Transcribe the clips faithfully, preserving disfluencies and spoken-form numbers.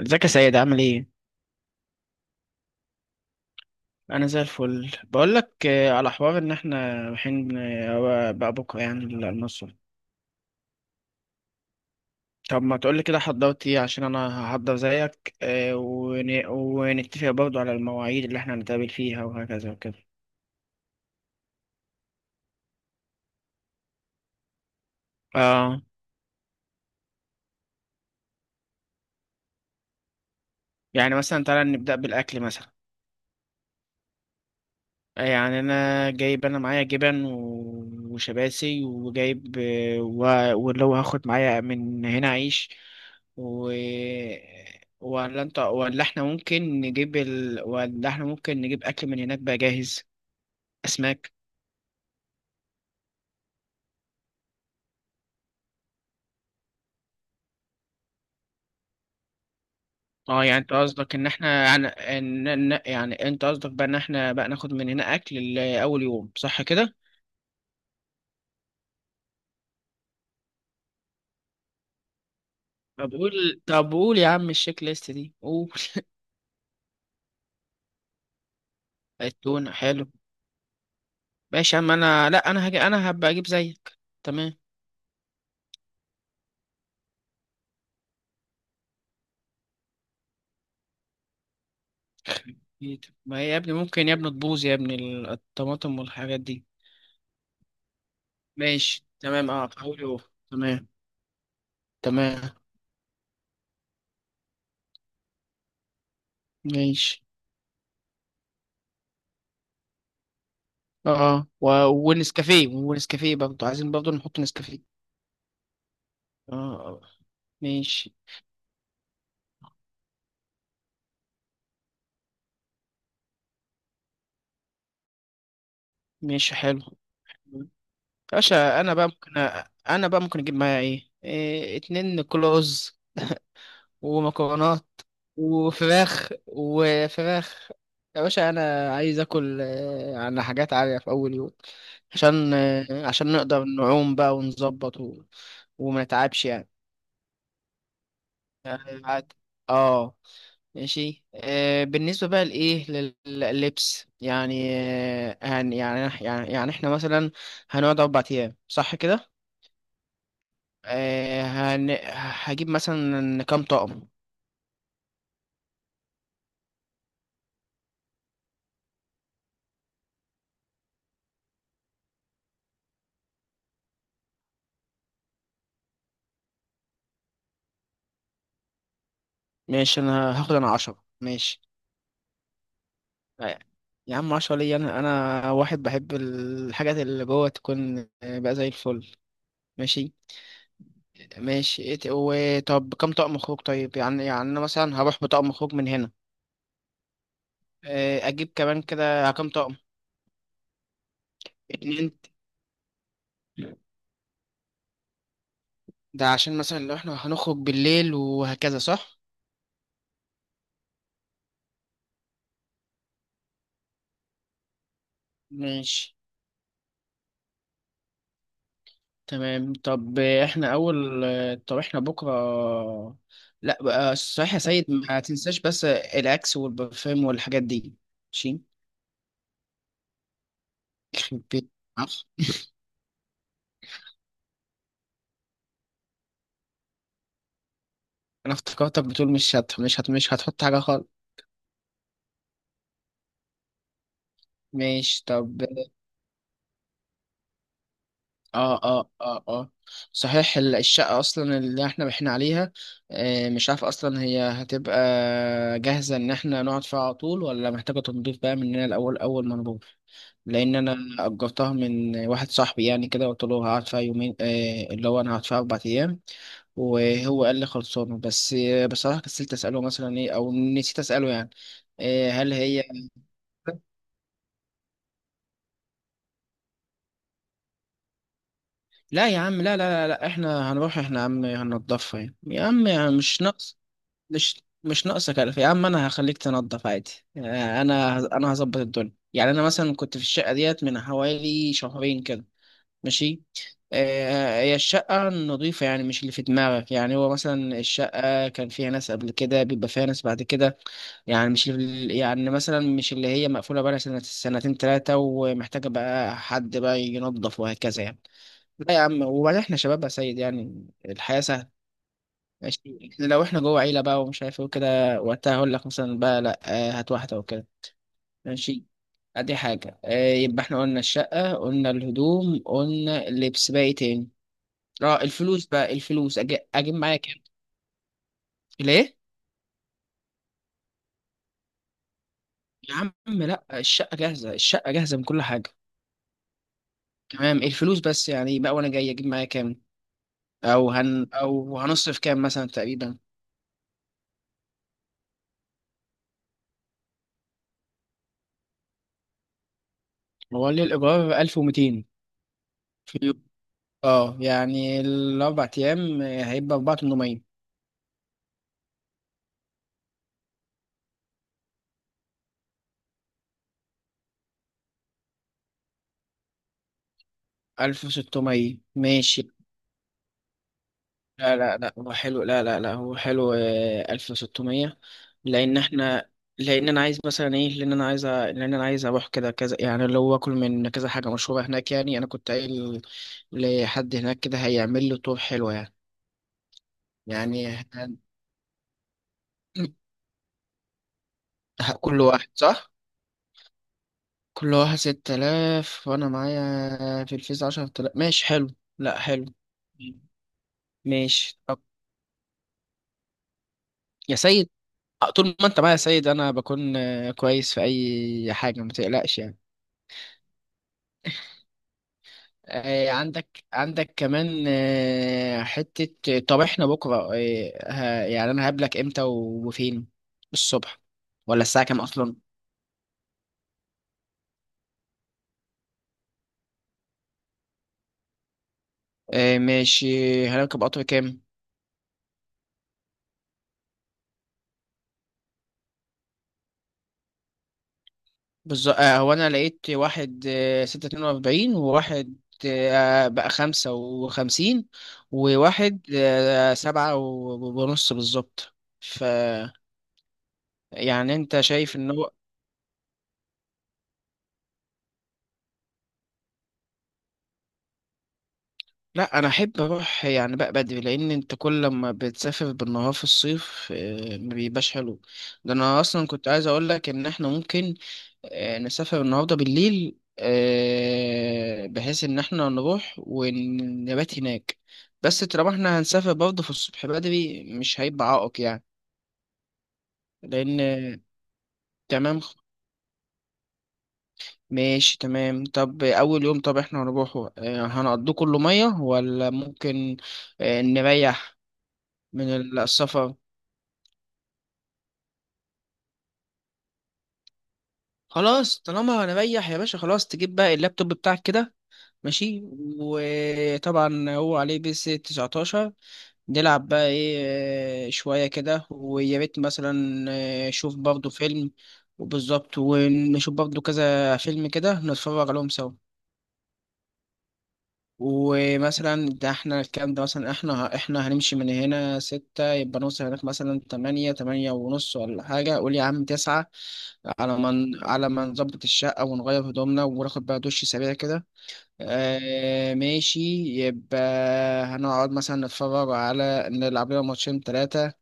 ازيك يا سيد، عامل ايه؟ انا زي الفل بقول لك. على حوار ان احنا رايحين آه، بقى بكره يعني للمصر. طب ما تقول لي كده، حضرت ايه؟ عشان انا هحضر زيك آه، ون- ونتفق برضو على المواعيد اللي احنا هنتقابل فيها وهكذا وكده. اه، يعني مثلا تعالى نبدا بالاكل مثلا. يعني انا جايب انا معايا جبن و- وشباسي وجايب و... واللي هو هاخد معايا من هنا عيش و... ولا انت ولا احنا ممكن نجيب ال... ولا احنا ممكن نجيب اكل من هناك بقى جاهز. اسماك. اه يعني انت قصدك ان احنا يعني ان... إن- يعني انت قصدك بقى ان احنا بقى ناخد من هنا اكل لاول يوم، صح كده؟ طب قول طب قول يا عم، الشيك ليست دي قول. التونة حلو. ماشي يا عم، انا لا، انا هجي انا هبقى اجيب زيك. تمام. أكيد. ما هي يا ابني ممكن يا ابني تبوظ يا ابني ال- الطماطم والحاجات دي. ماشي تمام، اه، حاولي. تمام. تمام. ماشي، اه، و... ونسكافيه ونسكافيه برضه، عايزين برضه نحط نسكافيه. اه، آه. ماشي. ماشي حلو. باشا انا بقى ممكن أ... انا بقى ممكن اجيب معايا ايه, إيه؟ اتنين كلوز ومكرونات وفراخ وفراخ. يا باشا، انا عايز اكل آه، على حاجات عالية في اول يوم، عشان آه، عشان نقدر نعوم بقى ونظبط و... وما نتعبش يعني. يعني عادي. اه. ماشي، آه بالنسبة بقى لإيه لل- لللبس يعني. آه هن يعني يعني يعني إحنا مثلا هنقعد أربع أيام، صح كده؟ آه هن هجيب مثلا كام طقم؟ ماشي، أنا هاخد أنا عشرة، ماشي. أي- يا عم عشرة ليا، انا انا واحد بحب الحاجات اللي جوه تكون بقى زي الفل. ماشي. ماشي، إت- وطب كم طقم خروج؟ طيب يعني، يعني انا مثلا هروح بطقم خروج من هنا، آه، اجيب كمان كده كم طقم؟ اتنين. ده عشان مثلا لو احنا هنخرج بالليل وهكذا، صح. ماشي تمام. طب احنا اول. طب احنا بكره. لا بقى، صحيح يا سيد، ما تنساش بس الاكس والبرفان والحاجات دي. ماشي. يخرب بيت. انا افتكرتك بتقول مش هت مش هت مش هتحط حاجه خالص. ماشي طب. اه، اه، اه، اه. صحيح ال- الشقه اصلا اللي احنا احنا عليها، آه، مش عارف اصلا هي هتبقى جاهزه ان احنا نقعد فيها على طول، ولا محتاجه تنظيف بقى مننا الاول، اول ما نروح. لان انا اجرتها من واحد صاحبي، يعني كده قلت له هقعد فيها يومين، آه، اللي هو انا هقعد فيها اربع ايام. وهو قال لي خلصانه، بس آه، بصراحه كسلت اساله مثلا ايه، او نسيت اساله يعني، آه، هل هي لا يا عم، لا، لا، لا، لا. احنا هنروح احنا يا عم هننضفها يعني. يا عم يعني مش ناقص. مش مش ناقصك ألف يا عم، انا هخليك تنضف عادي. آه، انا انا هظبط الدنيا. يعني انا مثلا كنت في الشقة ديت من حوالي شهرين كده. ماشي. آه، هي الشقة نظيفة يعني، مش اللي في دماغك. يعني هو مثلا الشقة كان فيها ناس قبل كده، بيبقى فيها ناس بعد كده. يعني مش ال- يعني مثلا مش اللي هي مقفولة بقى سنة سنتين تلاتة ومحتاجة بقى حد بقى ينظف وهكذا يعني. لا يا عم، وبعدين احنا شباب يا سيد، يعني الحياة سهلة. ماشي. إحنا لو احنا جوه عيلة بقى ومش عارف ايه وكده، وقتها هقول لك مثلا بقى لا، آه، هات واحدة وكده. ماشي. ادي حاجة. آه، يبقى احنا قلنا الشقة، قلنا الهدوم، قلنا اللبس، باقي تاني. اه، الفلوس بقى، الفلوس أجي- اجيب معايا كام؟ ليه؟ يا عم لا، الشقة جاهزة، الشقة جاهزة من كل حاجة. تمام. الفلوس بس يعني بقى، وانا جاي اجيب معايا كام؟ او هن او هنصرف كام مثلا تقريبا؟ هو ليه الايجار ألف ومتين؟ اه، يعني الأربع أيام هيبقى أربعة تمنمية؟ ألف وستمية، ماشي. لا لا لا، هو حلو، لا لا لا، هو حلو. آه، ألف وستمية. لأن احنا، لأن أنا عايز مثلا إيه لأن أنا عايز أ- لأن أنا عايز أروح كده كذا، يعني اللي هو أكل من كذا حاجة مشهورة هناك. يعني أنا كنت قايل لحد هناك كده هيعمل له طور حلو يعني. يعني هن- ه- كل واحد، صح؟ كل واحد ستة آلاف، وأنا معايا في الفيز عشرة آلاف، ماشي حلو. لا حلو. ماشي طب. يا سيد، آه، طول ما انت معايا يا سيد انا بكون آه، كويس في اي حاجه، ما تقلقش يعني. آه، عندك عندك كمان آه، حته. آه، طب احنا بكره، آه، ه- يعني انا هقابلك امتى و- وفين؟ الصبح، ولا الساعه كام اصلا؟ آه، ماشي. هنركب قطر كام؟ بالظبط. آه، هو انا لقيت واحد آه، ستة اتنين واربعين، وواحد آه، بقى خمسة وخمسين، وواحد آه، سبعة و- ونص بالظبط. يعني انت شايف ان هو؟ لا، انا احب اروح يعني بقى بدري، لان انت كل ما بتسافر بالنهار في الصيف، آه، ما بيبقاش حلو. ده انا اصلا كنت عايز اقول لك ان احنا ممكن آه، نسافر النهارده بالليل، آه، بحيث ان احنا نروح ونبات هناك. بس طالما احنا هنسافر برضه في الصبح بدري، مش هيبقى عائق يعني. لان تمام. ماشي تمام. طب أول يوم، طب احنا هنروحه آه، هنقضيه كله مية، ولا ممكن آه، نريح من ال- السفر؟ خلاص، طالما هنريح يا باشا، خلاص تجيب بقى اللابتوب بتاعك كده. ماشي. وطبعا هو عليه بيس تسعتاشر، نلعب بقى ايه؟ آه، شوية كده، ويا ريت مثلا آه، شوف برضه فيلم. وبالظبط، ونشوف برضه كذا فيلم كده نتفرج عليهم سوا. ومثلا ده، احنا الكلام ده مثلا، احنا احنا هنمشي من هنا ستة، يبقى نوصل هناك مثلا تمانية، تمانية ونص ولا حاجة، قول يا عم تسعة. على ما ن- على ما نظبط الشقة ونغير هدومنا وناخد بقى دش سريع كده. آه ماشي. يبقى هنقعد مثلا نتفرج على نلعب لنا ماتشين تلاتة.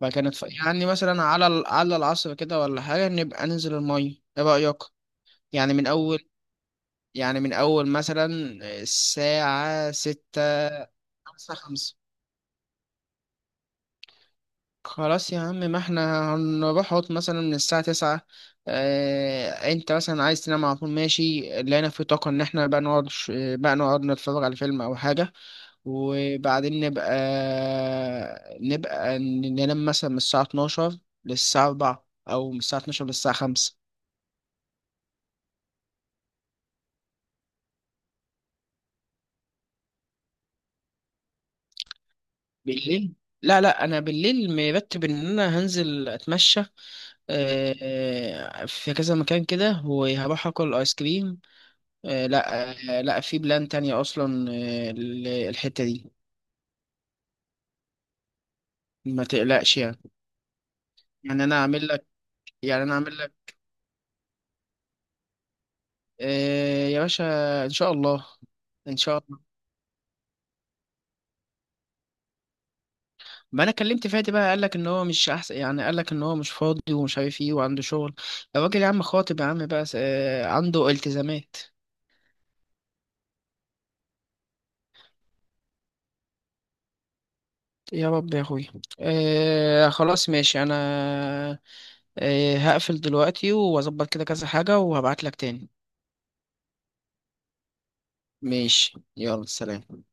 بعد كده نتف- يعني مثلا على ال- على العصر كده ولا حاجة، نبقى ننزل المية، ايه رأيك؟ يعني من أول، يعني من أول مثلا الساعة ستة. خمسة، خمسة. خلاص يا عم، ما احنا هنروح هوت مثلا من الساعة تسعة. اه، انت مثلا عايز تنام على طول، ماشي. لقينا في طاقة ان احنا بقى نقعد ش- بقى نقعد نتفرج على فيلم او حاجة، وبعدين نبقى نبقى ن- ننام مثلا من الساعة اتناشر للساعة أربعة، او من الساعة اتناشر للساعة خمسة. بالليل؟ لا لا، انا بالليل مرتب ان انا هنزل اتمشى آه، في كذا مكان كده، وهروح اكل ايس كريم. آه، لا، آه، لا، في بلان تانية اصلا، آه، ال- الحتة دي. ما تقلقش يعني. يعني انا اعمل لك يعني انا اعمل لك آه، يا باشا، ان شاء الله. ان شاء الله. ما انا كلمت فادي بقى، قال لك ان هو مش احسن يعني، قال لك ان هو مش فاضي ومش عارف ايه وعنده شغل. الراجل يا عم خاطب يا عم بقى، آه، عنده التزامات. يا رب يا اخوي. آه خلاص ماشي، انا إيه، هقفل دلوقتي واظبط كده كذا حاجة، وهبعت لك تاني. ماشي، يلا سلام.